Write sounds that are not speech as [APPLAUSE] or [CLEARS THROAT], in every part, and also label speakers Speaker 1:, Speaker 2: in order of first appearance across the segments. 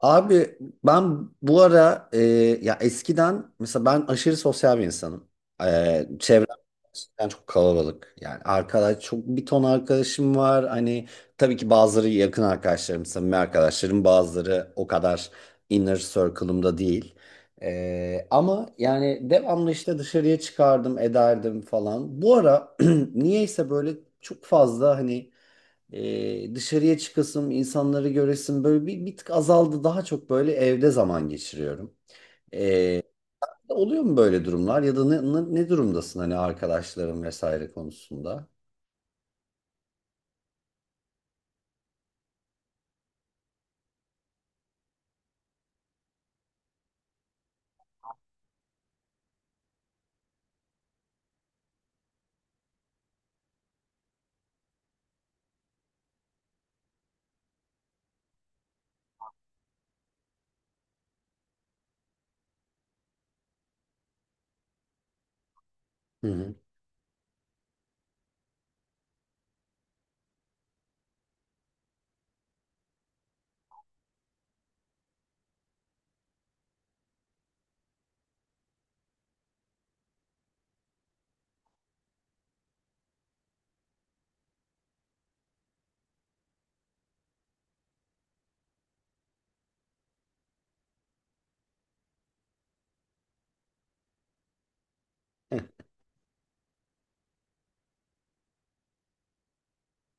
Speaker 1: Abi, ben bu ara ya eskiden mesela ben aşırı sosyal bir insanım. Çevrem gerçekten çok kalabalık. Yani arkadaş çok bir ton arkadaşım var. Hani tabii ki bazıları yakın arkadaşlarım, samimi arkadaşlarım, bazıları o kadar inner circle'ımda değil. Ama yani devamlı işte dışarıya çıkardım, ederdim falan. Bu ara [CLEARS THROAT] niyeyse böyle çok fazla hani dışarıya çıkasım, insanları göresim böyle bir tık azaldı. Daha çok böyle evde zaman geçiriyorum. E, Oluyor mu böyle durumlar ya da ne durumdasın hani arkadaşların vesaire konusunda? Hı hı.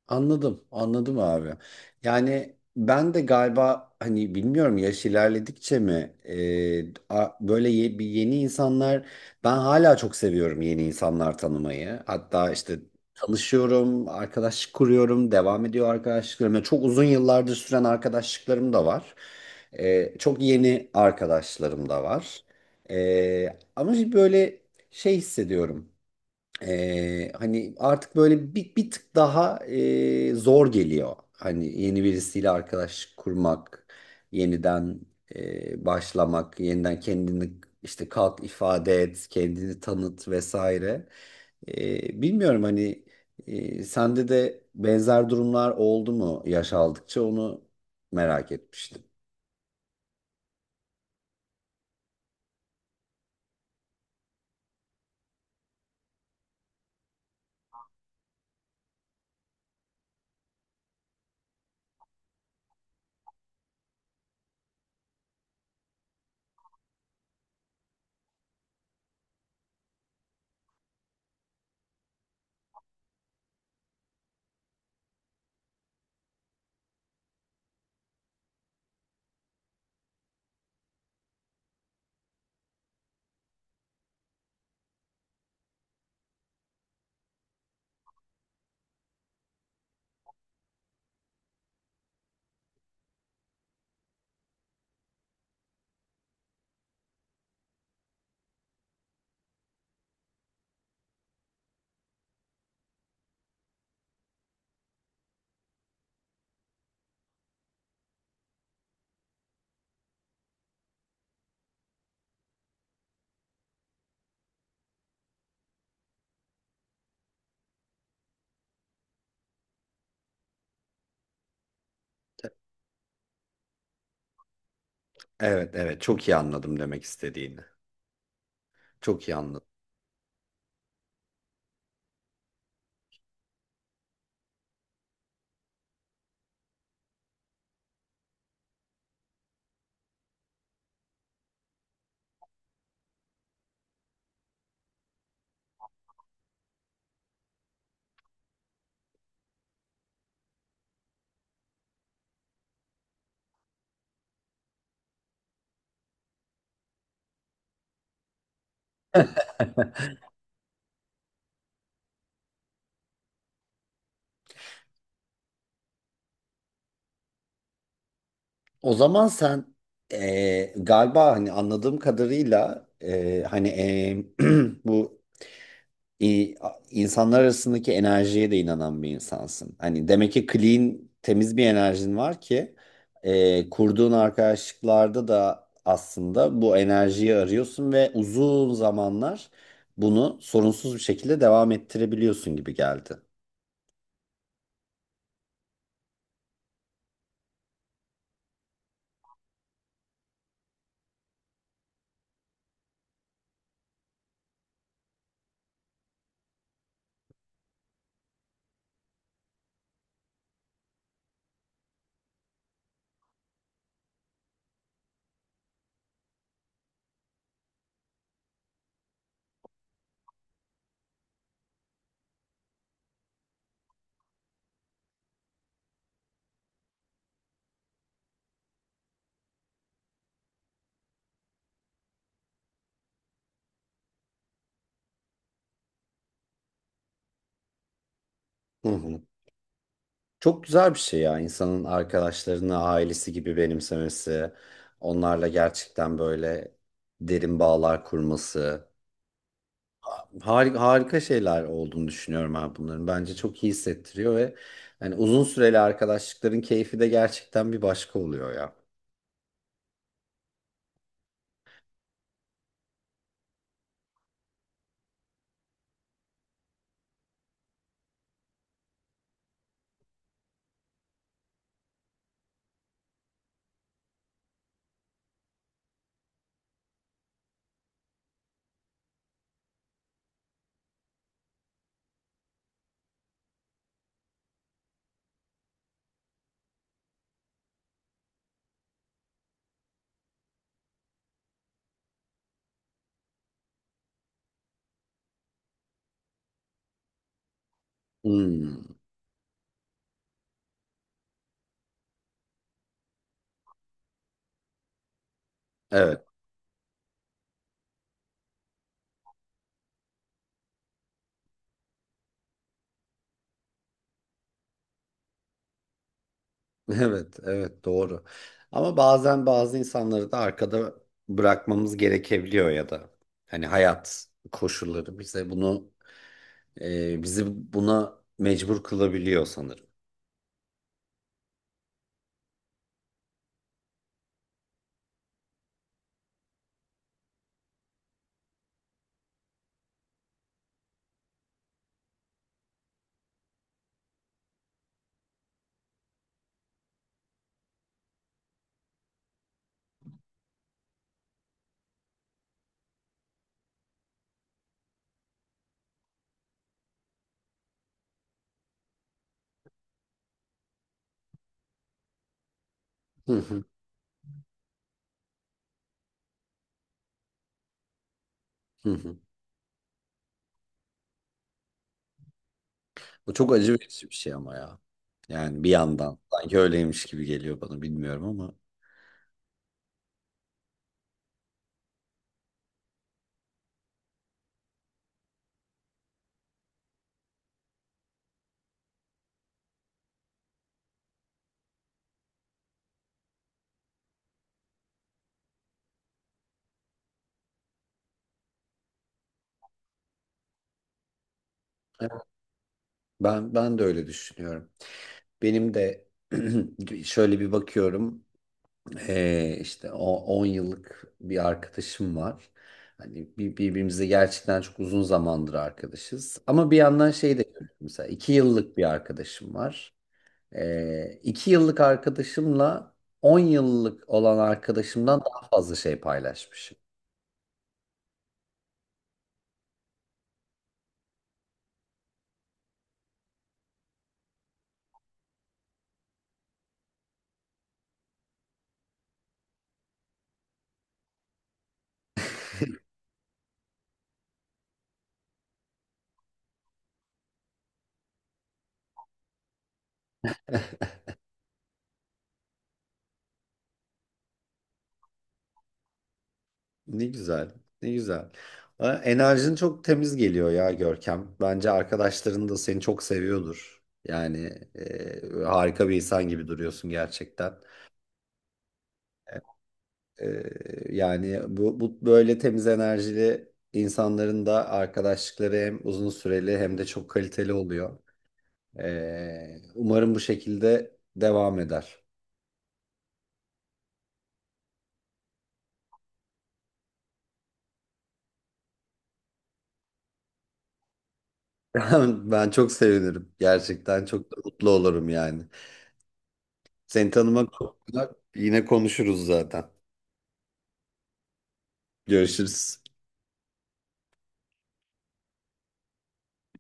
Speaker 1: Anladım, anladım abi. Yani ben de galiba hani bilmiyorum yaş ilerledikçe mi bir yeni insanlar, ben hala çok seviyorum yeni insanlar tanımayı. Hatta işte tanışıyorum, arkadaşlık kuruyorum, devam ediyor arkadaşlıklarım. Yani çok uzun yıllardır süren arkadaşlıklarım da var. Çok yeni arkadaşlarım da var. Ama böyle şey hissediyorum. Hani artık böyle bir tık daha zor geliyor. Hani yeni birisiyle arkadaş kurmak, yeniden başlamak, yeniden kendini işte kalk ifade et, kendini tanıt vesaire. Bilmiyorum hani sende de benzer durumlar oldu mu yaş aldıkça, onu merak etmiştim. Evet evet, çok iyi anladım demek istediğini. Çok iyi anladım. O zaman sen galiba hani anladığım kadarıyla [CLEARS THROAT] bu i- insanlar arasındaki enerjiye de inanan bir insansın. Hani demek ki clean, temiz bir enerjin var ki kurduğun arkadaşlıklarda da aslında bu enerjiyi arıyorsun ve uzun zamanlar bunu sorunsuz bir şekilde devam ettirebiliyorsun gibi geldi. Hı hı. Çok güzel bir şey ya, insanın arkadaşlarını ailesi gibi benimsemesi, onlarla gerçekten böyle derin bağlar kurması. Harika, harika şeyler olduğunu düşünüyorum ben bunların. Bence çok iyi hissettiriyor ve hani uzun süreli arkadaşlıkların keyfi de gerçekten bir başka oluyor ya. Hmm. Evet. [LAUGHS] Evet, evet, doğru. Ama bazen bazı insanları da arkada bırakmamız gerekebiliyor ya da hani hayat koşulları bize bunu bizi buna mecbur kılabiliyor sanırım. Hı hı, hı hı. Bu çok acı verici bir şey ama ya. Yani bir yandan sanki öyleymiş gibi geliyor bana, bilmiyorum ama. Evet. Ben de öyle düşünüyorum. Benim de [CLEARS THROAT] şöyle bir bakıyorum, işte o 10 yıllık bir arkadaşım var. Hani birbirimize gerçekten çok uzun zamandır arkadaşız. Ama bir yandan şey de görüyorum. Mesela 2 yıllık bir arkadaşım var. 2 yıllık arkadaşımla 10 yıllık olan arkadaşımdan daha fazla şey paylaşmışım. [LAUGHS] Ne güzel, ne güzel. Ha, enerjin çok temiz geliyor ya Görkem. Bence arkadaşların da seni çok seviyordur. Yani harika bir insan gibi duruyorsun gerçekten. E, Yani bu böyle temiz enerjili insanların da arkadaşlıkları hem uzun süreli hem de çok kaliteli oluyor. Umarım bu şekilde devam eder. [LAUGHS] Ben çok sevinirim. Gerçekten çok da mutlu olurum yani. Seni tanımak çok güzel. Yine konuşuruz zaten. Görüşürüz.